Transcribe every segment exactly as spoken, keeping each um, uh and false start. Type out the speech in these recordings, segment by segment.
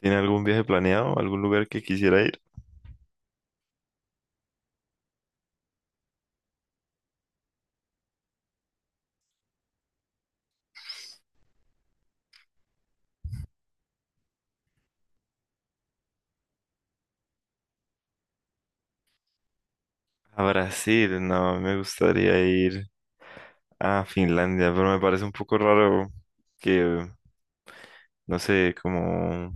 ¿Tiene algún viaje planeado? ¿Algún lugar que quisiera ir? A Brasil, no, me gustaría ir a Finlandia, pero me parece un poco raro que, no sé, como,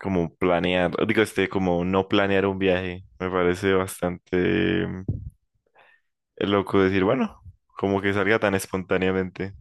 como planear, digo, este, como no planear un viaje. Me parece bastante mm, loco decir, bueno, como que salga tan espontáneamente.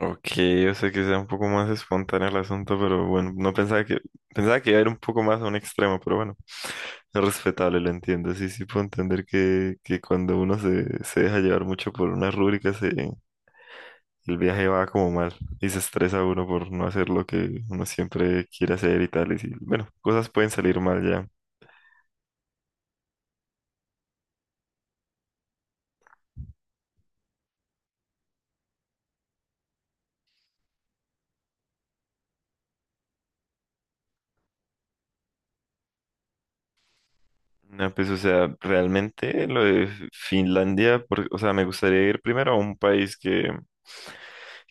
Ok, o sea que sea un poco más espontáneo el asunto, pero bueno, no pensaba que, pensaba que iba a ir un poco más a un extremo, pero bueno, es respetable, lo entiendo. Sí, sí puedo entender que, que cuando uno se, se deja llevar mucho por una rúbrica, se, el viaje va como mal y se estresa uno por no hacer lo que uno siempre quiere hacer y tal, y sí, bueno, cosas pueden salir mal ya. No, pues, o sea, realmente lo de Finlandia, por- o sea, me gustaría ir primero a un país que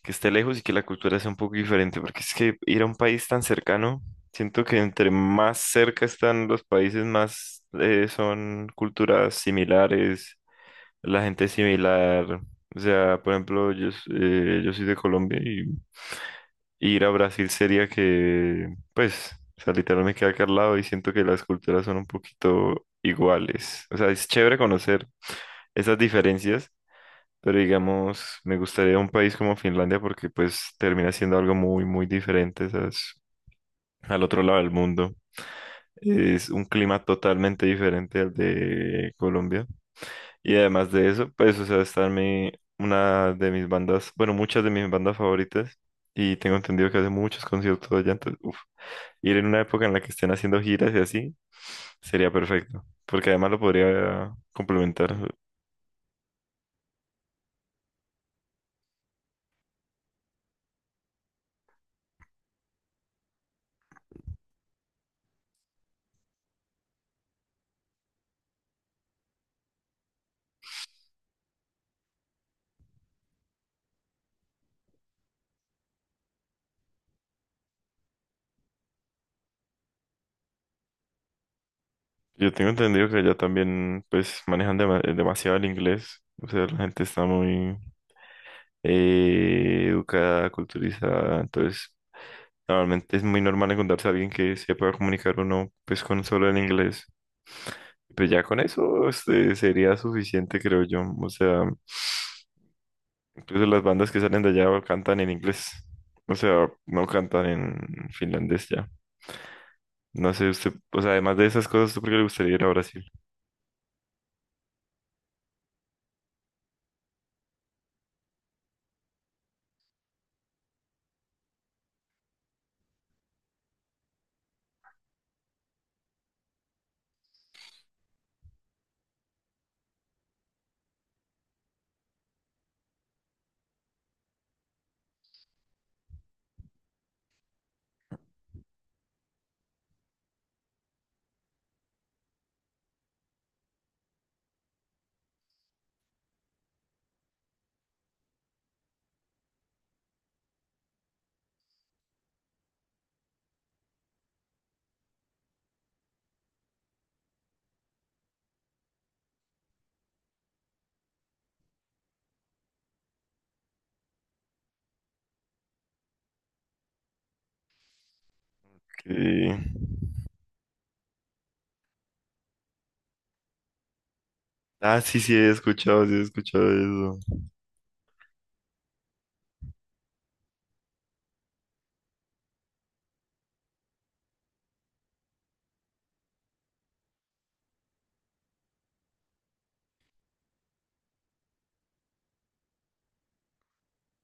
que esté lejos y que la cultura sea un poco diferente, porque es que ir a un país tan cercano, siento que entre más cerca están los países, más eh, son culturas similares, la gente es similar. O sea, por ejemplo, yo, s- eh, yo soy de Colombia y ir a Brasil sería que, pues, o sea, literal me queda acá al lado y siento que las culturas son un poquito iguales. O sea, es chévere conocer esas diferencias, pero digamos, me gustaría un país como Finlandia porque pues termina siendo algo muy, muy diferente, ¿sabes? Al otro lado del mundo. Es un clima totalmente diferente al de Colombia. Y además de eso, pues, o sea, está mi, una de mis bandas, bueno, muchas de mis bandas favoritas. Y tengo entendido que hace muchos conciertos allá, entonces, uf, ir en una época en la que estén haciendo giras y así, sería perfecto. Porque además lo podría complementar. Yo tengo entendido que allá también, pues, manejan dema- eh, demasiado el inglés. O sea, la gente está muy eh, educada, culturizada. Entonces, normalmente es muy normal encontrarse a alguien que se pueda comunicar uno, pues, con solo el inglés. Pues ya con eso este, sería suficiente, creo yo. O sea, incluso las bandas que salen de allá cantan en inglés. O sea, no cantan en finlandés ya. No sé, usted, o sea, además de esas cosas, ¿usted por qué le gustaría ir a Brasil? Que ah, sí, sí, he escuchado, sí, he escuchado eso.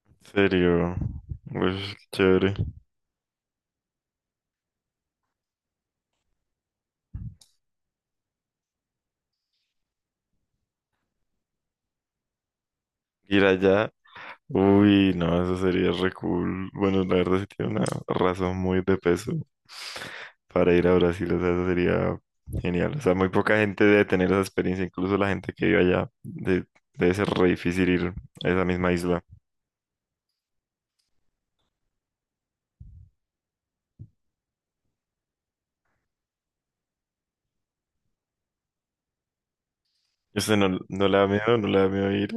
En serio. Uy, chévere. Ir allá. Uy, no, eso sería re cool. Bueno, la verdad sí tiene una razón muy de peso para ir a Brasil. O sea, eso sería genial. O sea, muy poca gente debe tener esa experiencia. Incluso la gente que vive allá de- debe ser re difícil ir a esa misma isla. ¿Usted no, no le da miedo? ¿No le da miedo ir?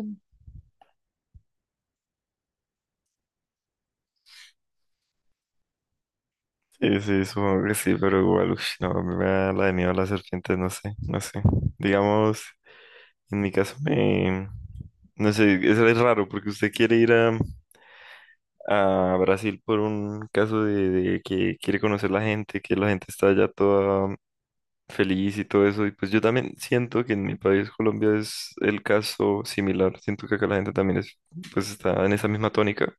Sí, sí, supongo que sí, pero igual, uff, no, a mí me da la de miedo a las serpientes, no sé, no sé. Digamos, en mi caso me... No sé, eso es raro, porque usted quiere ir a, a Brasil por un caso de, de que quiere conocer la gente, que la gente está allá toda feliz y todo eso, y pues yo también siento que en mi país, Colombia, es el caso similar, siento que acá la gente también es, pues está en esa misma tónica.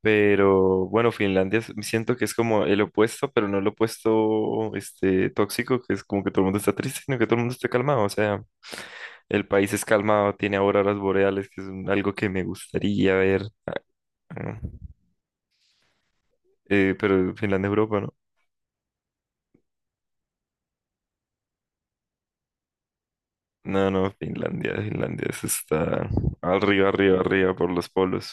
Pero bueno, Finlandia es- siento que es como el opuesto, pero no el opuesto este, tóxico, que es como que todo el mundo está triste, sino que todo el mundo está calmado. O sea, el país es calmado, tiene auroras boreales, que es un- algo que me gustaría ver. Ah, eh, pero Finlandia, Europa, ¿no? No, no, Finlandia, Finlandia, eso está arriba, arriba, arriba por los polos.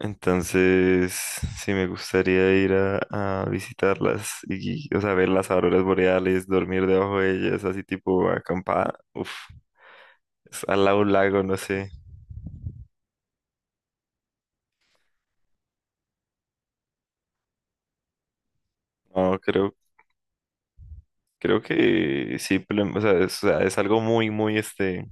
Entonces, sí me gustaría ir a, a visitarlas y, o sea, ver las auroras boreales, dormir debajo de ellas, así tipo acampada. Uf, es al lado de un lago, no sé. No, creo, creo que sí, pero, o sea, es, o sea, es algo muy, muy, este,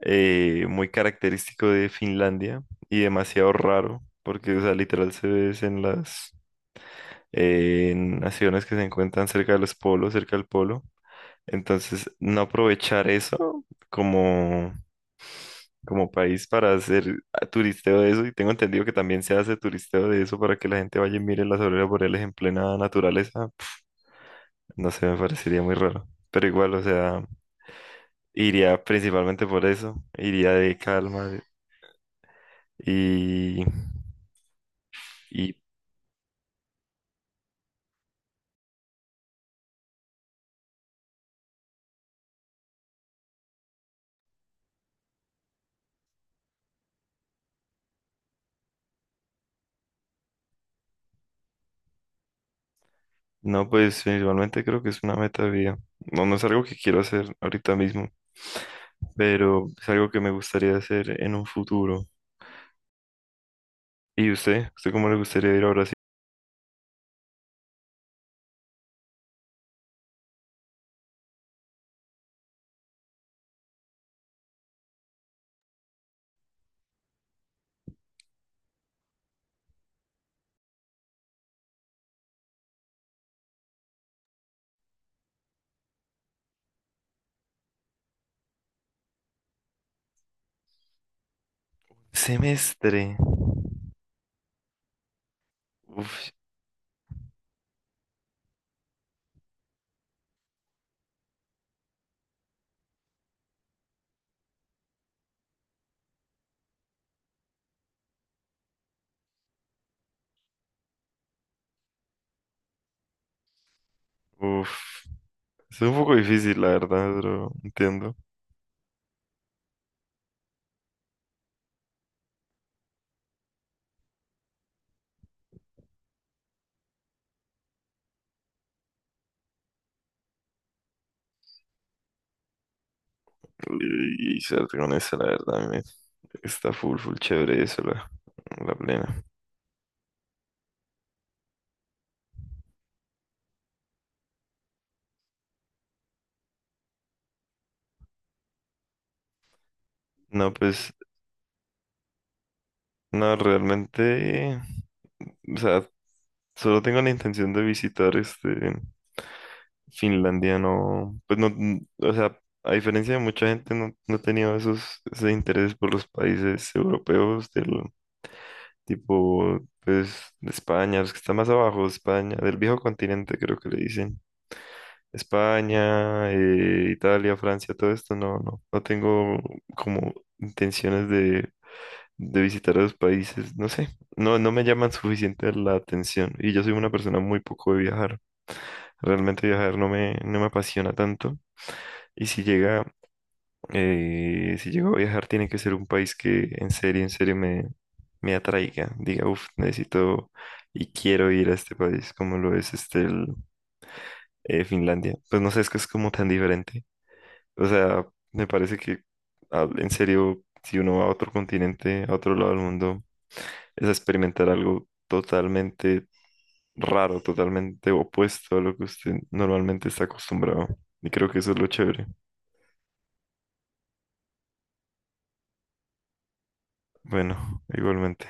eh, muy característico de Finlandia y demasiado raro, porque, o sea, literal se ve es en las, eh, en naciones que se encuentran cerca de los polos, cerca del polo. Entonces, no aprovechar eso como, como país para hacer ah, turisteo de eso. Y tengo entendido que también se hace turisteo de eso para que la gente vaya y mire las auroras boreales en plena naturaleza. No sé, me parecería muy raro. Pero igual, o sea, iría principalmente por eso. Iría de calma. De- Y, y no, pues principalmente creo que es una meta de vida. No, no es algo que quiero hacer ahorita mismo, pero es algo que me gustaría hacer en un futuro. ¿Y usted? ¿Usted cómo le gustaría ir a Brasil? Semestre. Uf, uf. Es un poco difícil, la verdad, pero entiendo. Y, y suerte con eso, la verdad, a mí me- está full, full chévere eso, la, la plena. No, pues, no, realmente, o sea, solo tengo la intención de visitar este Finlandia, no, pues no, n- o sea, a diferencia de mucha gente, no, no he tenido esos, ese interés por los países europeos del tipo, pues, de España, los que están más abajo, España, del viejo continente creo que le dicen. España, eh, Italia, Francia, todo esto, no, no, no tengo como intenciones de, de visitar esos países, no sé, no, no me llaman suficiente la atención y yo soy una persona muy poco de viajar, realmente viajar no me, no me apasiona tanto y si llega, eh, si llego a viajar tiene que ser un país que en serio, en serio me atraiga, diga, uff, necesito y quiero ir a este país, como lo es este el, eh, Finlandia. Pues no sé, es que es como tan diferente. O sea, me parece que ah, en serio, si uno va a otro continente, a otro lado del mundo, es a experimentar algo totalmente raro, totalmente opuesto a lo que usted normalmente está acostumbrado. Y creo que eso es lo chévere. Bueno, igualmente.